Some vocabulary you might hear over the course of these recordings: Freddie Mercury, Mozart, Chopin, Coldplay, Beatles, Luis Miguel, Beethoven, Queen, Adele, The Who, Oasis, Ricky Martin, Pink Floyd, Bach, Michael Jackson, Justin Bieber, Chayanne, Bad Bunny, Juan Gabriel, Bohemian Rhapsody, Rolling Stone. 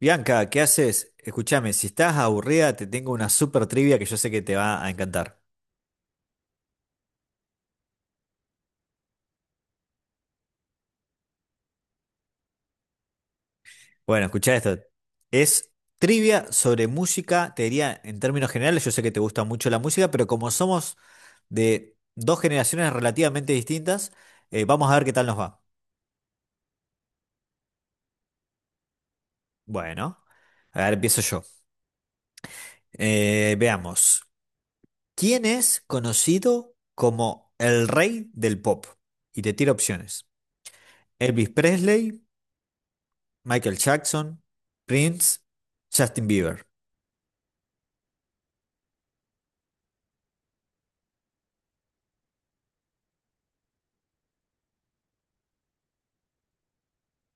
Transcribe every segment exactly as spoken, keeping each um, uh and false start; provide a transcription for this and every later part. Bianca, ¿qué haces? Escúchame, si estás aburrida, te tengo una super trivia que yo sé que te va a encantar. Bueno, escucha esto. Es trivia sobre música, te diría en términos generales, yo sé que te gusta mucho la música, pero como somos de dos generaciones relativamente distintas, eh, vamos a ver qué tal nos va. Bueno, a ver, empiezo yo. Eh, veamos. ¿Quién es conocido como el rey del pop? Y te tiro opciones. Elvis Presley, Michael Jackson, Prince, Justin Bieber.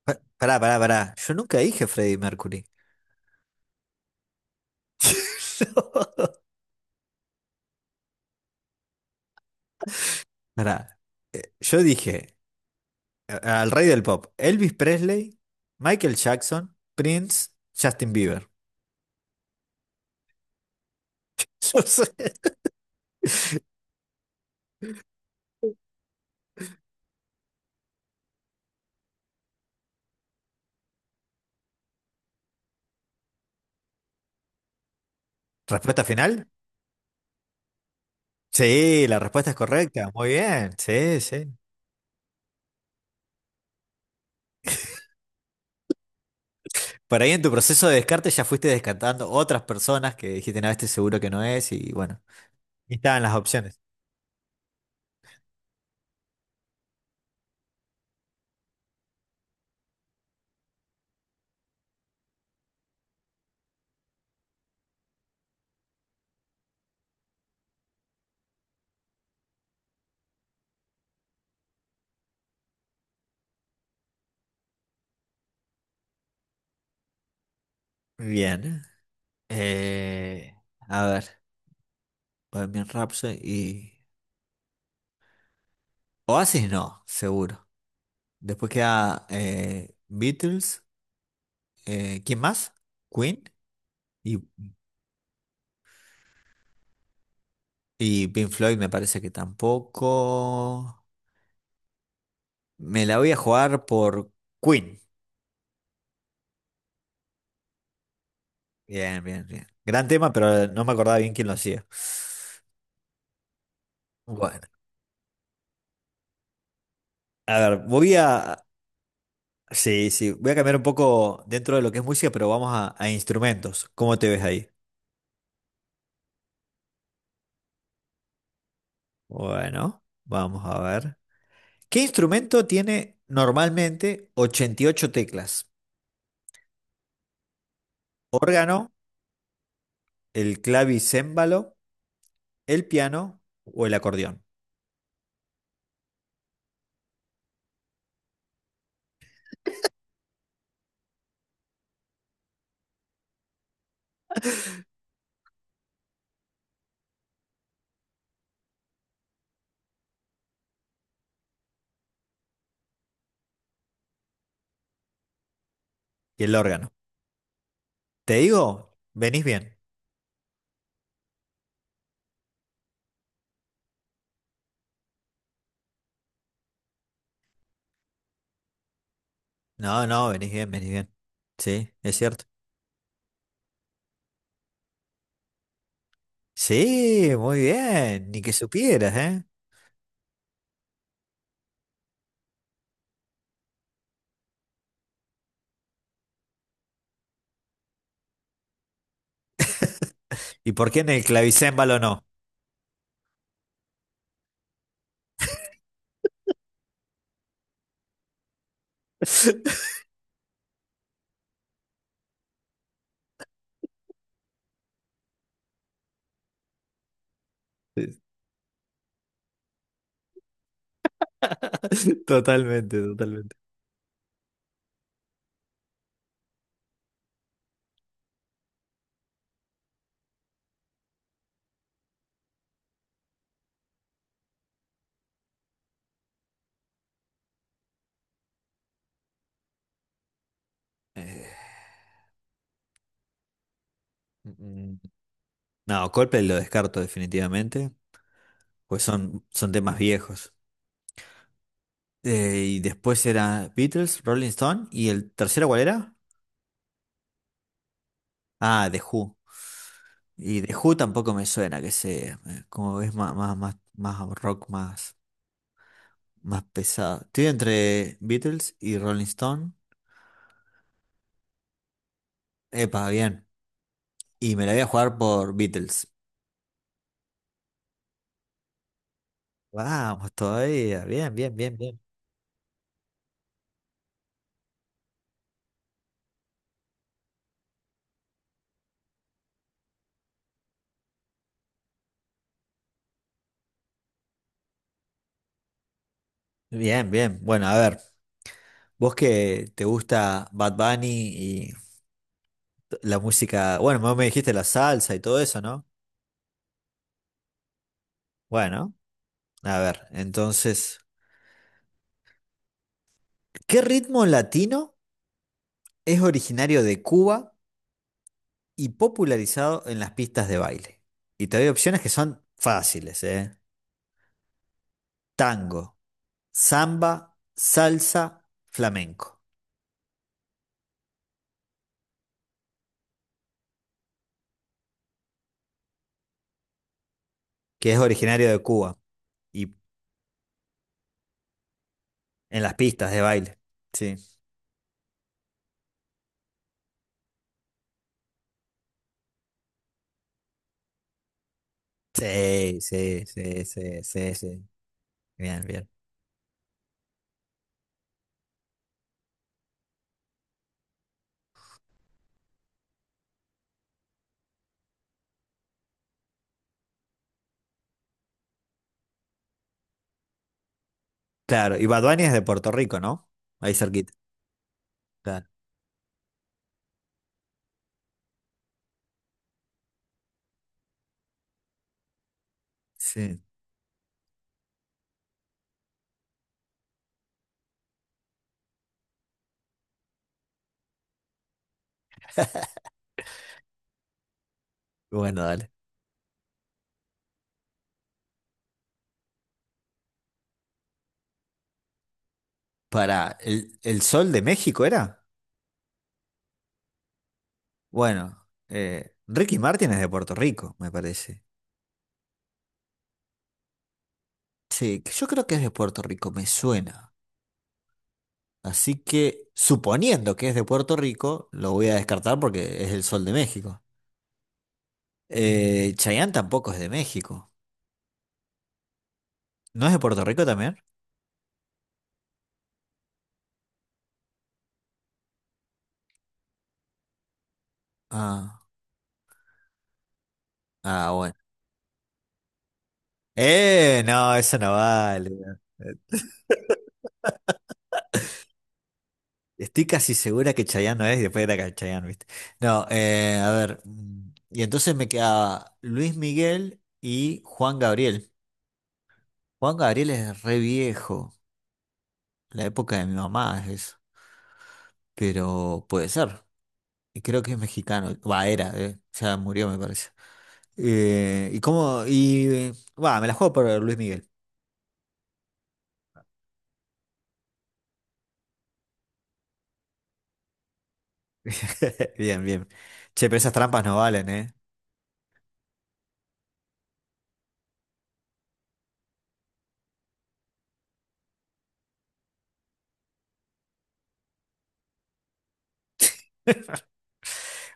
Pa- Pará, pará, pará. Yo nunca dije Freddie Mercury. No. Pará. Yo dije a- al rey del pop, Elvis Presley, Michael Jackson, Prince, Justin Bieber. Yo sé. ¿Respuesta final? Sí, la respuesta es correcta. Muy bien. Sí, sí. Por ahí en tu proceso de descarte ya fuiste descartando otras personas que dijiste, no, este seguro que no es, y bueno. Y estaban las opciones. Bien. Eh, a ver. Bohemian Rhapsody y... Oasis no, seguro. Después queda eh, Beatles, eh, ¿quién más? Queen y, y Pink Floyd me parece que tampoco. Me la voy a jugar por Queen. Bien, bien, bien. Gran tema, pero no me acordaba bien quién lo hacía. Bueno, a ver, voy a... Sí, sí, voy a cambiar un poco dentro de lo que es música, pero vamos a, a instrumentos. ¿Cómo te ves ahí? Bueno, vamos a ver. ¿Qué instrumento tiene normalmente ochenta y ocho teclas? ¿Órgano, el clavicémbalo, el piano o el acordeón? Y el órgano. ¿Te digo? Venís bien. No, no, venís bien, venís bien. Sí, es cierto. Sí, muy bien. Ni que supieras, ¿eh? ¿Y por qué en el clavicémbalo no? Totalmente, totalmente. Eh, mm, mm, No, Coldplay lo descarto definitivamente, pues son, son temas viejos. Eh, y después era Beatles, Rolling Stone. ¿Y el tercero cuál era? Ah, The Who. Y The Who tampoco me suena, que sé, eh, como ves, más, más, más, más rock, más, más pesado. Estoy entre Beatles y Rolling Stone. Epa, bien. Y me la voy a jugar por Beatles. Vamos, todavía. Bien, bien, bien, bien. Bien, bien. Bueno, a ver, vos que te gusta Bad Bunny y la música, bueno, vos me dijiste la salsa y todo eso, ¿no? Bueno, a ver, entonces... ¿Qué ritmo latino es originario de Cuba y popularizado en las pistas de baile? Y te doy opciones que son fáciles, ¿eh? Tango, samba, salsa, flamenco, que es originario de Cuba y en las pistas de baile. Sí. Sí, sí, sí, sí, sí, sí. Bien, bien. Claro, y Bad Bunny es de Puerto Rico, ¿no? Ahí cerquita. Claro. Sí. Bueno, dale. Para el, el Sol de México era. Bueno, eh, Ricky Martin es de Puerto Rico, me parece. Sí, que yo creo que es de Puerto Rico, me suena. Así que, suponiendo que es de Puerto Rico, lo voy a descartar porque es el Sol de México. Eh, Chayanne tampoco es de México. ¿No es de Puerto Rico también? Ah, ah, bueno. Eh, no, eso no vale. Estoy casi segura que Chayanne no es y después era que Chayanne, ¿viste? No, eh, a ver. mm, Y entonces me queda Luis Miguel y Juan Gabriel. Juan Gabriel es re viejo, la época de mi mamá es eso, pero puede ser, y creo que es mexicano, va, era, eh, ya murió me parece. Eh, y cómo, y, eh, Va, me la juego por Luis Miguel. Bien, bien. Che, pero esas trampas no valen, ¿eh?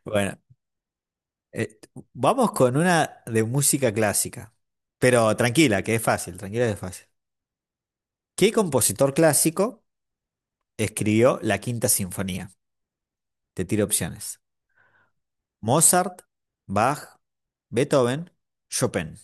Bueno, eh, vamos con una de música clásica, pero tranquila, que es fácil, tranquila que es fácil. ¿Qué compositor clásico escribió la Quinta Sinfonía? Te tiro opciones. Mozart, Bach, Beethoven, Chopin.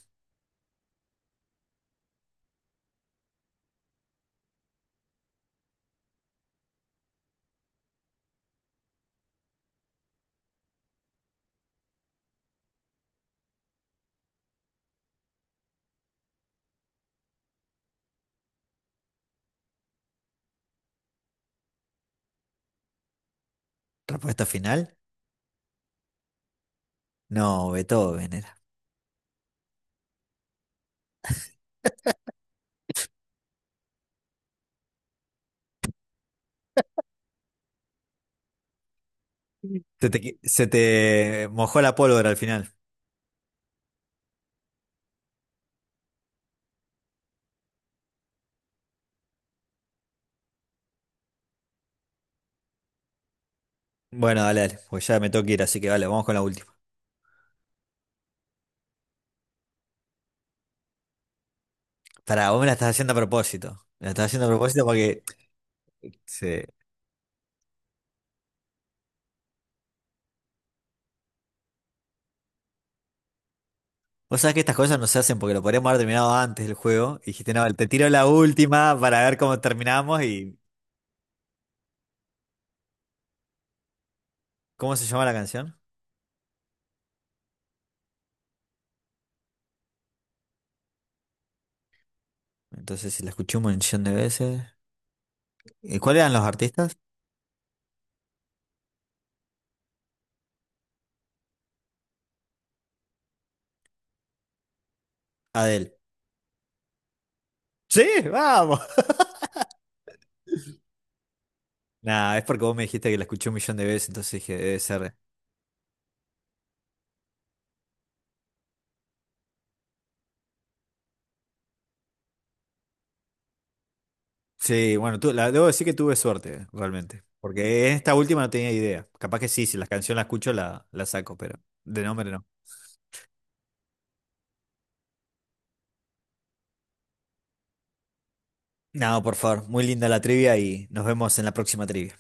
Respuesta final. No, Beethoven era. Te- te qui- se te mojó la pólvora al final. Bueno, dale, dale, porque ya me tengo que ir, así que vale, vamos con la última. Pará, vos me la estás haciendo a propósito. Me la estás haciendo a propósito porque... Sí. Vos sabés que estas cosas no se hacen porque lo podríamos haber terminado antes del juego. Y dijiste, no, vale, te tiro la última para ver cómo terminamos y... ¿Cómo se llama la canción? Entonces, si la escuché un montón de veces... ¿Y cuáles eran los artistas? Adele. Sí, vamos. Nah, es porque vos me dijiste que la escuché un millón de veces, entonces dije, debe ser. Sí, bueno, tú, la, debo decir que tuve suerte, realmente. Porque esta última no tenía idea. Capaz que sí, si la canción la escucho, la, la saco, pero de nombre no. No, por favor, muy linda la trivia y nos vemos en la próxima trivia.